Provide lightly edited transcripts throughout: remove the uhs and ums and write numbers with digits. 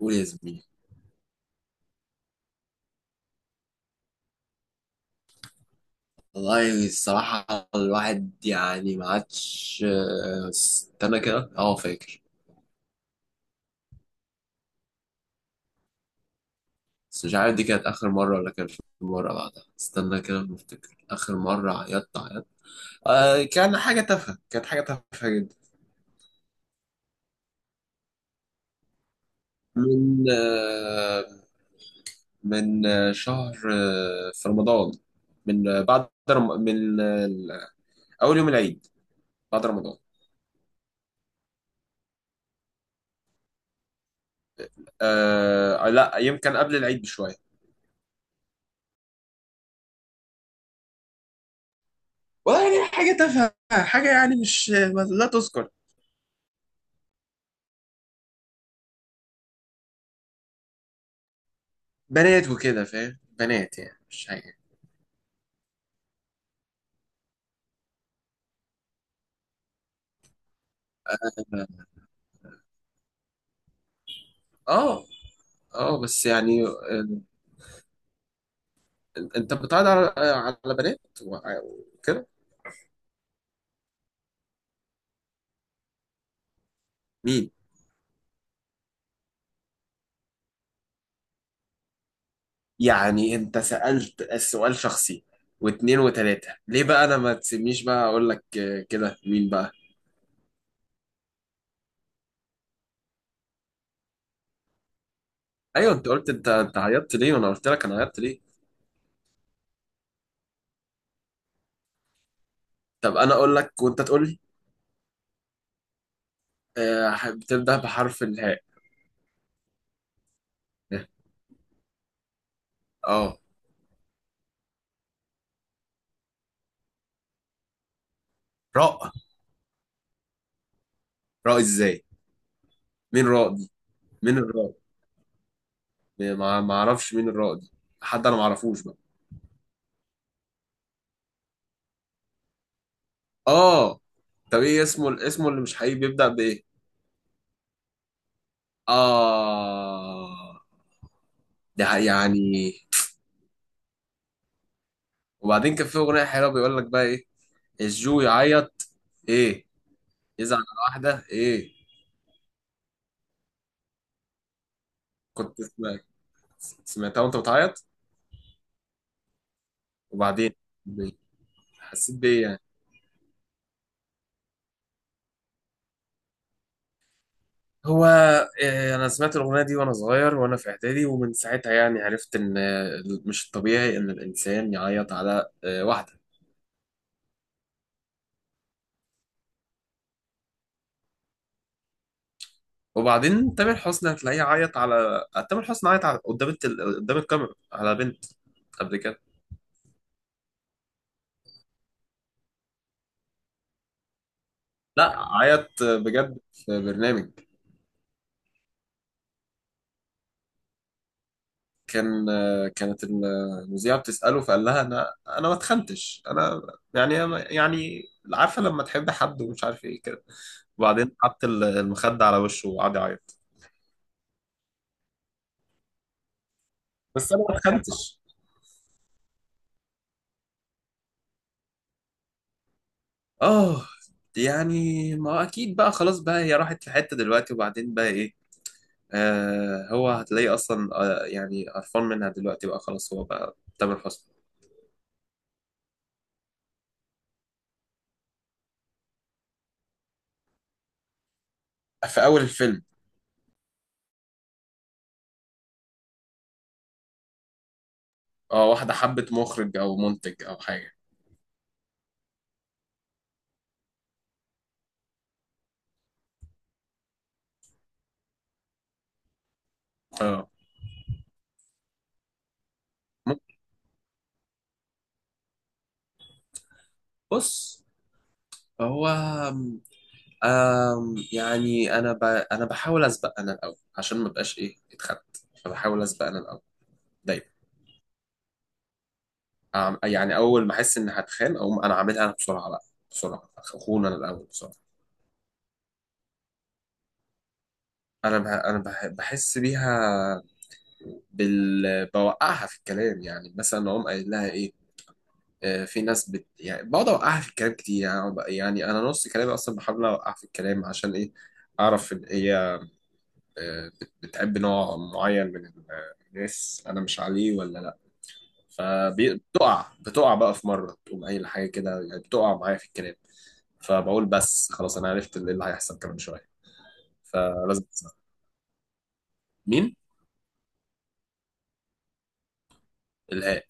قول يا زميلي. والله الصراحة الواحد يعني ما عادش، استنى كده فاكر. بس مش عارف دي كانت آخر مرة ولا كان في مرة بعدها. استنى كده بفتكر آخر مرة عيطت آه، كان حاجة تافهة، كانت حاجة تافهة جدا. من آه من آه، شهر في رمضان. من آه، أول يوم العيد بعد رمضان. آه لا، يمكن قبل العيد بشوية. والله يعني حاجة تافهة، حاجة يعني مش لا تذكر. بنات وكده، فاهم، بنات يعني، مش حاجة. اه. اه بس يعني انت بتعرض على، على بنات وع- وكده؟ مين؟ يعني انت سألت السؤال شخصي واتنين وتلاتة، ليه بقى انا ما تسيبنيش بقى اقول لك كده مين بقى؟ ايوه، انت قلت انت عيطت ليه وانا قلت لك انا عيطت ليه. طب انا اقول لك وانت تقول لي. بتبدأ بحرف الهاء. اه. آه، راء. راء ازاي؟ مين راء؟ مين الرائد؟ ما اعرفش مين الرائد. حد انا ما اعرفوش بقى. اه. طب ايه اسمه، اسمه اللي مش حقيقي بيبدأ بايه؟ اه. يعني. وبعدين كان في اغنيه حلوه، بيقول لك بقى ايه؟ الجو يعيط. ايه؟ يزعل على واحده، ايه؟ كنت سمعت، سمعتها وانت بتعيط. وبعدين ب- حسيت بايه يعني؟ هو إيه، انا سمعت الاغنيه دي وانا صغير وانا في اعدادي، ومن ساعتها يعني عرفت ان مش الطبيعي ان الانسان يعيط على واحده. وبعدين تامر حسني هتلاقيه عيط على، تامر حسني عيط على... قدام الكاميرا على بنت قبل كده. لا، عيط بجد في برنامج. كان، كانت المذيعة بتسأله فقال لها انا، انا ما اتخنتش انا. يعني، يعني، عارفة لما تحب حد ومش عارف، ايه كده. وبعدين حط المخدة على وشه وقعد يعيط. بس انا ما اتخنتش. اه يعني ما هو اكيد بقى، خلاص بقى، هي راحت في حتة دلوقتي، وبعدين بقى ايه؟ آه هو هتلاقيه اصلا، آه يعني قرفان منها دلوقتي، بقى خلاص، هو بقى تامر حسني. في اول الفيلم. اه، واحده حبت مخرج او منتج او حاجه. اه. م- بص، هو يعني انا بحاول اسبق انا الاول عشان ما بقاش ايه، اتخنت. فبحاول اسبق انا الاول. دايما. يعني اول ما احس ان هتخان اقوم انا عاملها انا بسرعه بقى. بسرعه، اخون انا الاول بسرعه. بحس بيها بوقعها في الكلام، يعني مثلا اقوم قايل لها ايه. في ناس يعني بقعد اوقعها في الكلام كتير، يعني يعني انا نص كلامي اصلا بحاول اوقعها في الكلام عشان ايه؟ اعرف ان هي بتحب نوع معين من الناس، انا مش عليه ولا لا. فبتقع، بتقع بقى في مره تقوم قايل حاجه كده، يعني بتقع معايا في الكلام. فبقول بس خلاص، انا عرفت اللي هيحصل كمان شويه، فلازم أسمع. مين؟ الهاء.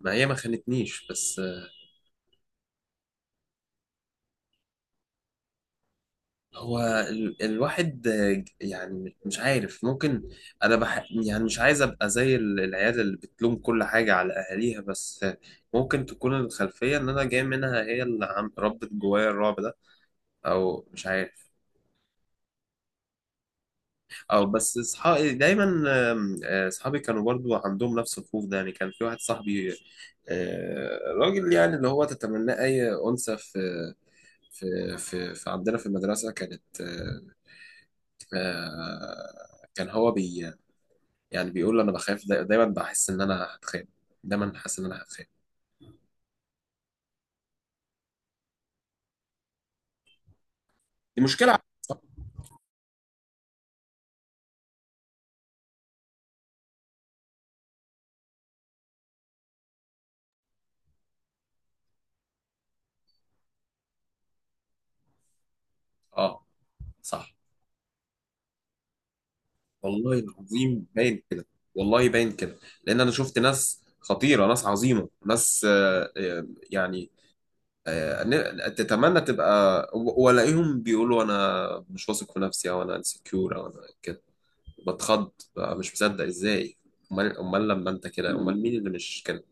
ما هي ما خانتنيش بس. هو الواحد يعني مش عارف، ممكن. يعني مش عايز ابقى زي العيال اللي بتلوم كل حاجة على اهاليها، بس ممكن تكون الخلفية ان انا جاي منها، هي اللي ربت جوايا الرعب ده. او مش عارف. او بس اصحابي دايما، اصحابي كانوا برضو عندهم نفس الخوف ده. يعني كان في واحد صاحبي، راجل يعني اللي هو تتمناه اي انثى في في عندنا في المدرسة، كانت كان هو بي يعني بيقول انا بخاف، دايما بحس ان انا هتخان. دايما حاسس ان انا هتخان. دي مشكلة. اه، صح. والله العظيم باين كده. والله باين كده، لان انا شفت ناس خطيره، ناس عظيمه، ناس يعني تتمنى تبقى، والاقيهم بيقولوا انا مش واثق في نفسي، او انا انسكيور، او انا كده. بتخض بقى، مش مصدق، ازاي؟ امال، امال لما انت كده، امال مين اللي مش كده؟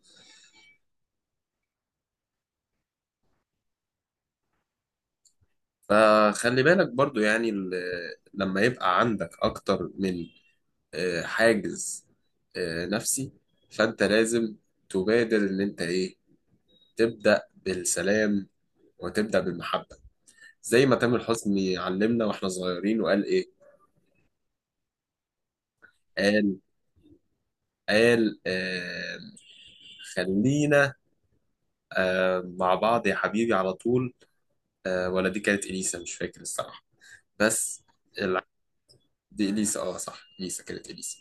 فخلي بالك برضو يعني لما يبقى عندك اكتر من حاجز نفسي، فانت لازم تبادر ان انت ايه، تبدا بالسلام وتبدا بالمحبه، زي ما تامر حسني علمنا واحنا صغيرين، وقال ايه؟ قال، قال آه خلينا آه مع بعض يا حبيبي على طول. آه ولا دي كانت اليسا، مش فاكر الصراحه. بس ال- دي اليسا، اه صح، اليسا، كانت اليسا.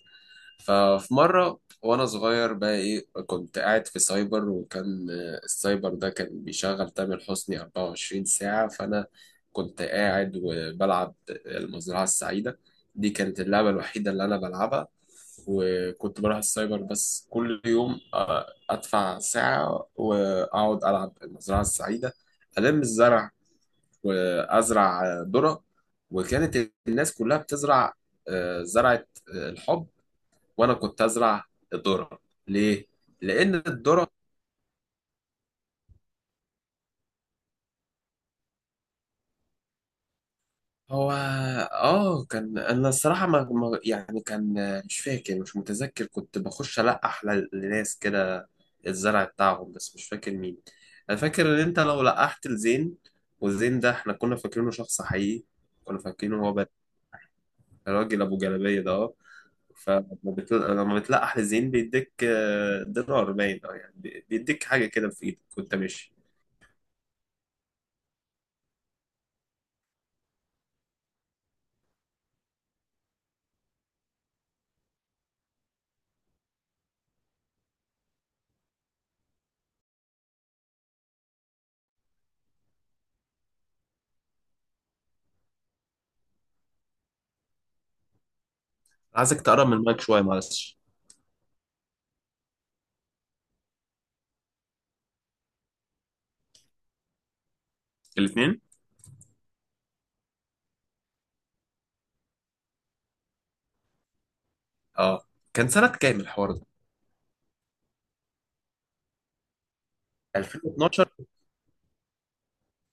ففي مرة وأنا صغير بقى، إيه، كنت قاعد في سايبر، وكان السايبر ده كان بيشغل تامر حسني 24 ساعة. فأنا كنت قاعد وبلعب المزرعة السعيدة، دي كانت اللعبة الوحيدة اللي أنا بلعبها. وكنت بروح السايبر بس كل يوم أدفع ساعة وأقعد ألعب المزرعة السعيدة. ألم الزرع وأزرع ذرة. وكانت الناس كلها بتزرع زرعة الحب، وانا كنت ازرع الذره. ليه؟ لان الذره، هو اه كان، انا الصراحه ما... ما... يعني كان مش فاكر، مش متذكر. كنت بخش القح لناس كده، الزرع بتاعهم، بس مش فاكر مين. انا فاكر ان انت لو لقحت لزين، والزين ده احنا كنا فاكرينه شخص حقيقي، كنا فاكرينه هو بس الراجل ابو جلابيه ده. اه. لما بتلقح لزين بيديك دينار، باين اه يعني بيديك حاجه كده في ايدك وانت ماشي. عايزك تقرب من المايك شويه، معلش. الاثنين. اه. كان سنة كام الحوار ده؟ 2012.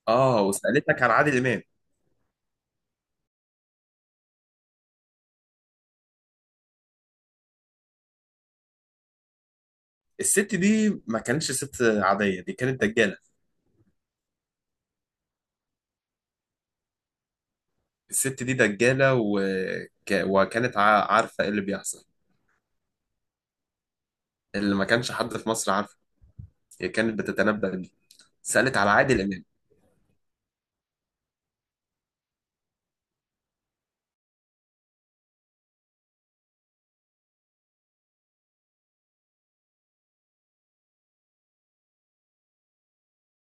اه وسألتك عن عادل إمام. الست دي ما كانتش ست عادية، دي كانت دجالة. الست دي دجالة، وكانت عارفة ايه اللي بيحصل اللي ما كانش حد في مصر عارفه. هي كانت بتتنبأ بيه. سألت على عادل إمام.